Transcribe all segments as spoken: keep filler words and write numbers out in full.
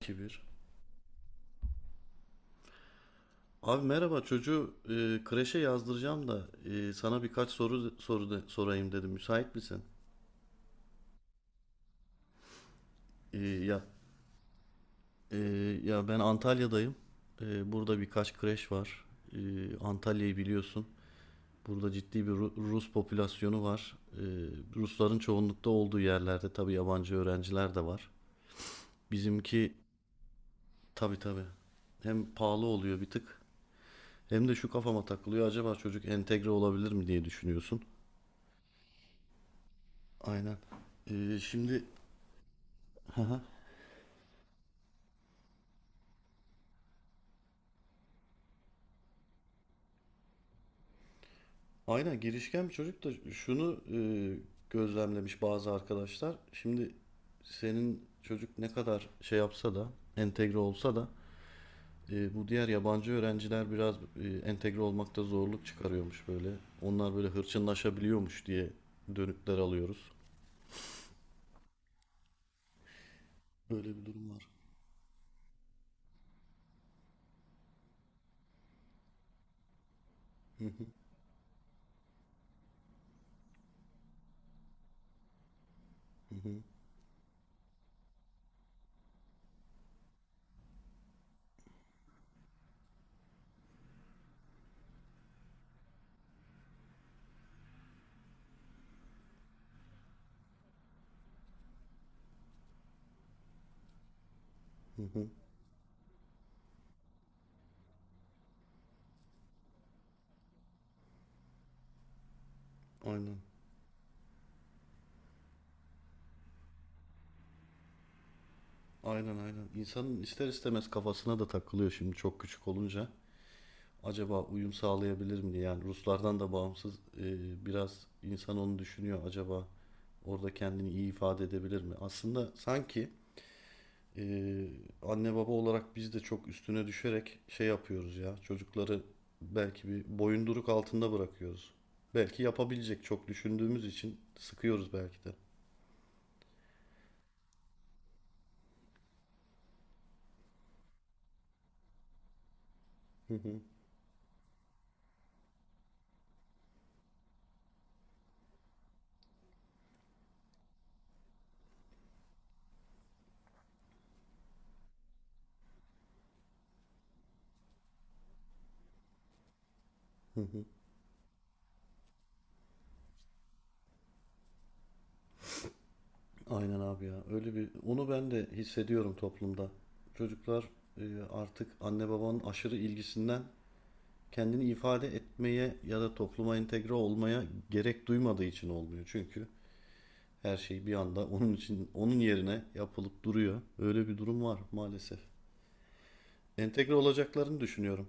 iki bir. Abi merhaba, çocuğu e, kreşe yazdıracağım da e, sana birkaç soru soru da- sorayım dedim. Müsait misin? E, ya e, ya ben Antalya'dayım. E, burada birkaç kreş var. E, Antalya'yı biliyorsun. Burada ciddi bir Ru- Rus popülasyonu var. E, Rusların çoğunlukta olduğu yerlerde tabii yabancı öğrenciler de var. Bizimki tabii tabii, hem pahalı oluyor bir tık, hem de şu kafama takılıyor, acaba çocuk entegre olabilir mi diye düşünüyorsun. Aynen. Ee, şimdi, hı hı, aynen girişken bir çocuk da şunu e, gözlemlemiş bazı arkadaşlar. Şimdi senin çocuk ne kadar şey yapsa da, entegre olsa da e, bu diğer yabancı öğrenciler biraz e, entegre olmakta zorluk çıkarıyormuş böyle. Onlar böyle hırçınlaşabiliyormuş diye dönütler alıyoruz. Böyle bir durum var. Hı hı, hı hı. Aynen. Aynen aynen. İnsanın ister istemez kafasına da takılıyor şimdi çok küçük olunca, acaba uyum sağlayabilir mi diye. Yani Ruslardan da bağımsız e, biraz insan onu düşünüyor. Acaba orada kendini iyi ifade edebilir mi? Aslında sanki e, anne baba olarak biz de çok üstüne düşerek şey yapıyoruz ya. Çocukları belki bir boyunduruk altında bırakıyoruz. Belki yapabilecek, çok düşündüğümüz için sıkıyoruz belki de. Hı hı, hı hı. Aynen abi ya. Öyle bir, onu ben de hissediyorum toplumda. Çocuklar e, artık anne babanın aşırı ilgisinden kendini ifade etmeye ya da topluma entegre olmaya gerek duymadığı için olmuyor. Çünkü her şey bir anda onun için, onun yerine yapılıp duruyor. Öyle bir durum var maalesef. Entegre olacaklarını düşünüyorum.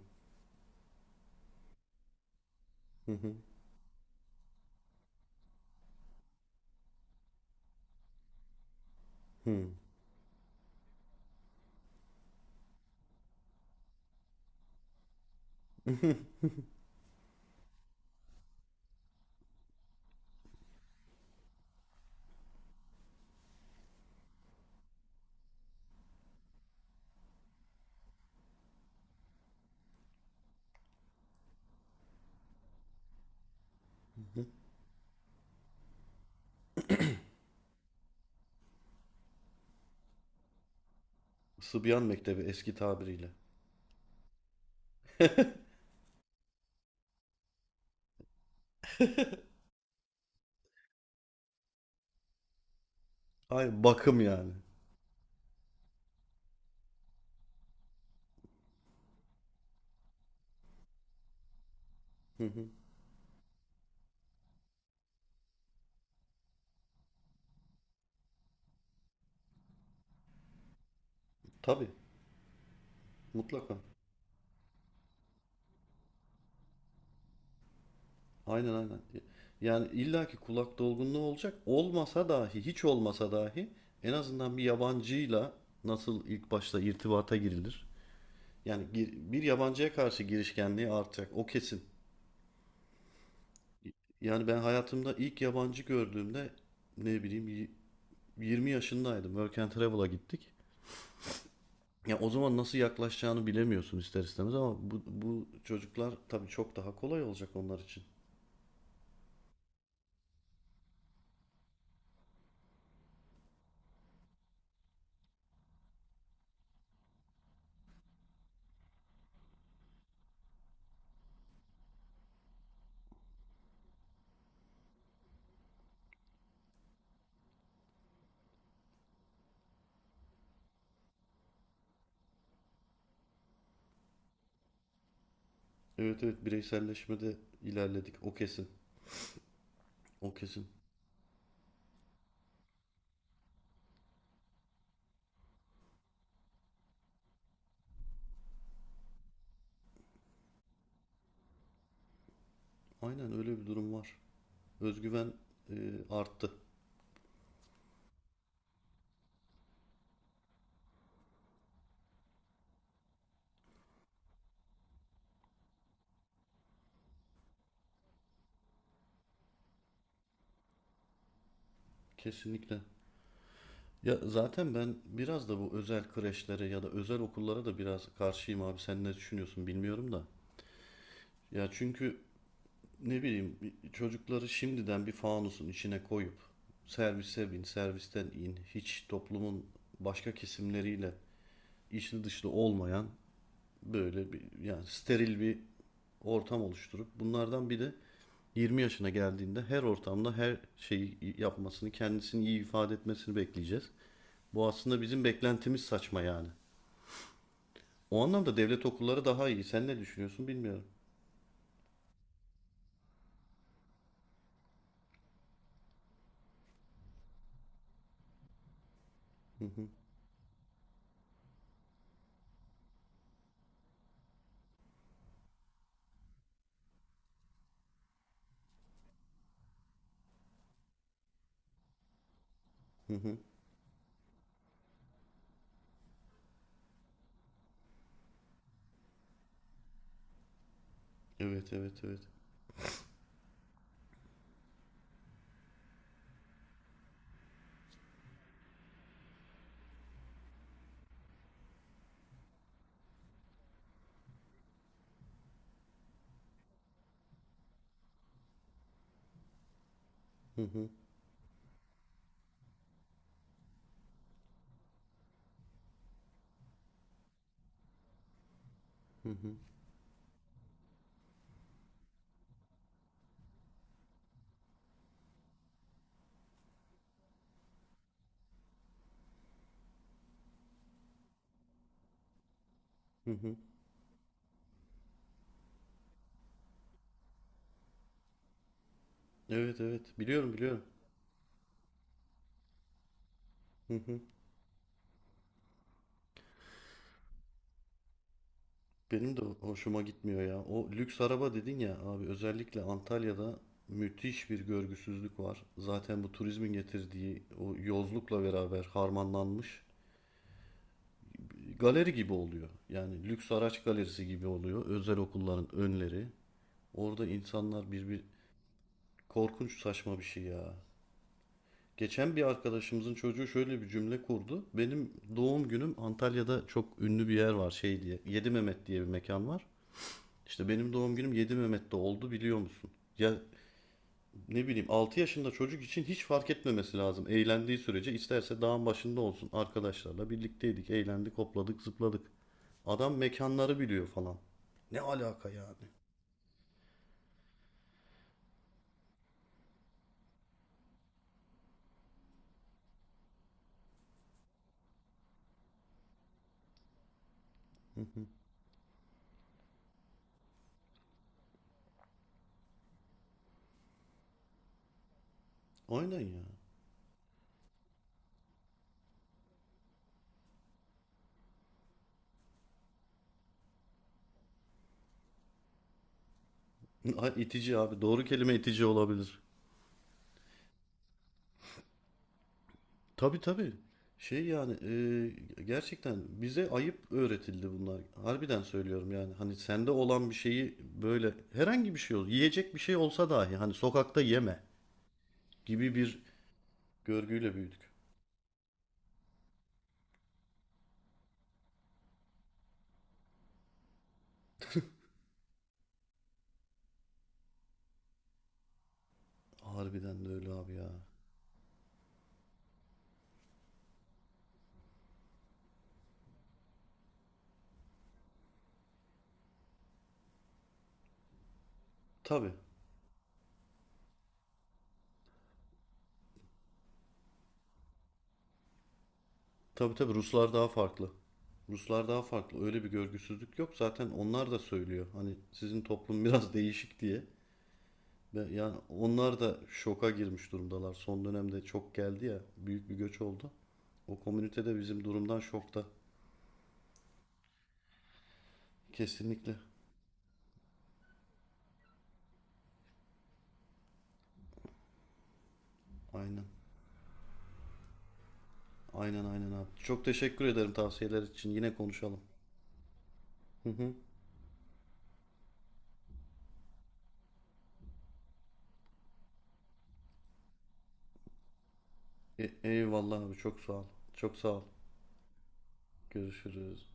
Hı hı. Hı. Sıbyan Mektebi eski tabiriyle. Hayır, bakım yani. Hı hı. Tabii, mutlaka. Aynen aynen. Yani illaki kulak dolgunluğu olacak. Olmasa dahi, hiç olmasa dahi en azından bir yabancıyla nasıl ilk başta irtibata girilir? Yani bir yabancıya karşı girişkenliği artacak. O kesin. Yani ben hayatımda ilk yabancı gördüğümde, ne bileyim, y- yirmi yaşındaydım. Work and Travel'a gittik. Ya o zaman nasıl yaklaşacağını bilemiyorsun ister istemez, ama bu, bu çocuklar tabii çok daha kolay olacak onlar için. Evet evet, bireyselleşmede ilerledik. O kesin. O kesin. Aynen, öyle bir durum var. Özgüven e, arttı. Kesinlikle. Ya zaten ben biraz da bu özel kreşlere ya da özel okullara da biraz karşıyım abi. Sen ne düşünüyorsun bilmiyorum da. Ya çünkü, ne bileyim, çocukları şimdiden bir fanusun içine koyup, servise bin, servisten in, hiç toplumun başka kesimleriyle içli dışlı olmayan böyle bir, yani steril bir ortam oluşturup bunlardan bir de yirmi yaşına geldiğinde her ortamda her şeyi yapmasını, kendisini iyi ifade etmesini bekleyeceğiz. Bu aslında, bizim beklentimiz saçma yani. O anlamda devlet okulları daha iyi. Sen ne düşünüyorsun bilmiyorum. Hı hı, hı hı. Evet evet evet. Hı hı, hı hı, hı hı. Evet evet, biliyorum biliyorum. Hı hı. Benim de hoşuma gitmiyor ya. O lüks araba dedin ya abi, özellikle Antalya'da müthiş bir görgüsüzlük var. Zaten bu turizmin getirdiği o yozlukla beraber harmanlanmış, galeri gibi oluyor. Yani lüks araç galerisi gibi oluyor özel okulların önleri. Orada insanlar bir bir korkunç, saçma bir şey ya. Geçen bir arkadaşımızın çocuğu şöyle bir cümle kurdu. Benim doğum günüm Antalya'da, çok ünlü bir yer var şey diye, Yedi Mehmet diye bir mekan var. İşte benim doğum günüm Yedi Mehmet'te oldu biliyor musun? Ya, ne bileyim, altı yaşında çocuk için hiç fark etmemesi lazım. Eğlendiği sürece isterse dağın başında olsun. Arkadaşlarla birlikteydik, eğlendik, hopladık, zıpladık. Adam mekanları biliyor falan. Ne alaka yani? Aynen ya. Ay, İtici abi. Doğru kelime itici olabilir. Tabii tabii. Şey yani, e, gerçekten bize ayıp öğretildi bunlar. Harbiden söylüyorum yani. Hani sende olan bir şeyi böyle, herhangi bir şey ol, yiyecek bir şey olsa dahi hani sokakta yeme gibi bir görgüyle büyüdük. Harbiden de öyle abi ya. Tabii. Tabii tabii, Ruslar daha farklı. Ruslar daha farklı. Öyle bir görgüsüzlük yok. Zaten onlar da söylüyor, hani sizin toplum biraz değişik diye. Ve yani onlar da şoka girmiş durumdalar. Son dönemde çok geldi ya, büyük bir göç oldu. O komünite de bizim durumdan şokta. Kesinlikle. Aynen. Aynen aynen abi. Çok teşekkür ederim tavsiyeler için. Yine konuşalım. Hı hı. E- eyvallah abi, çok sağ ol. Çok sağ ol. Görüşürüz.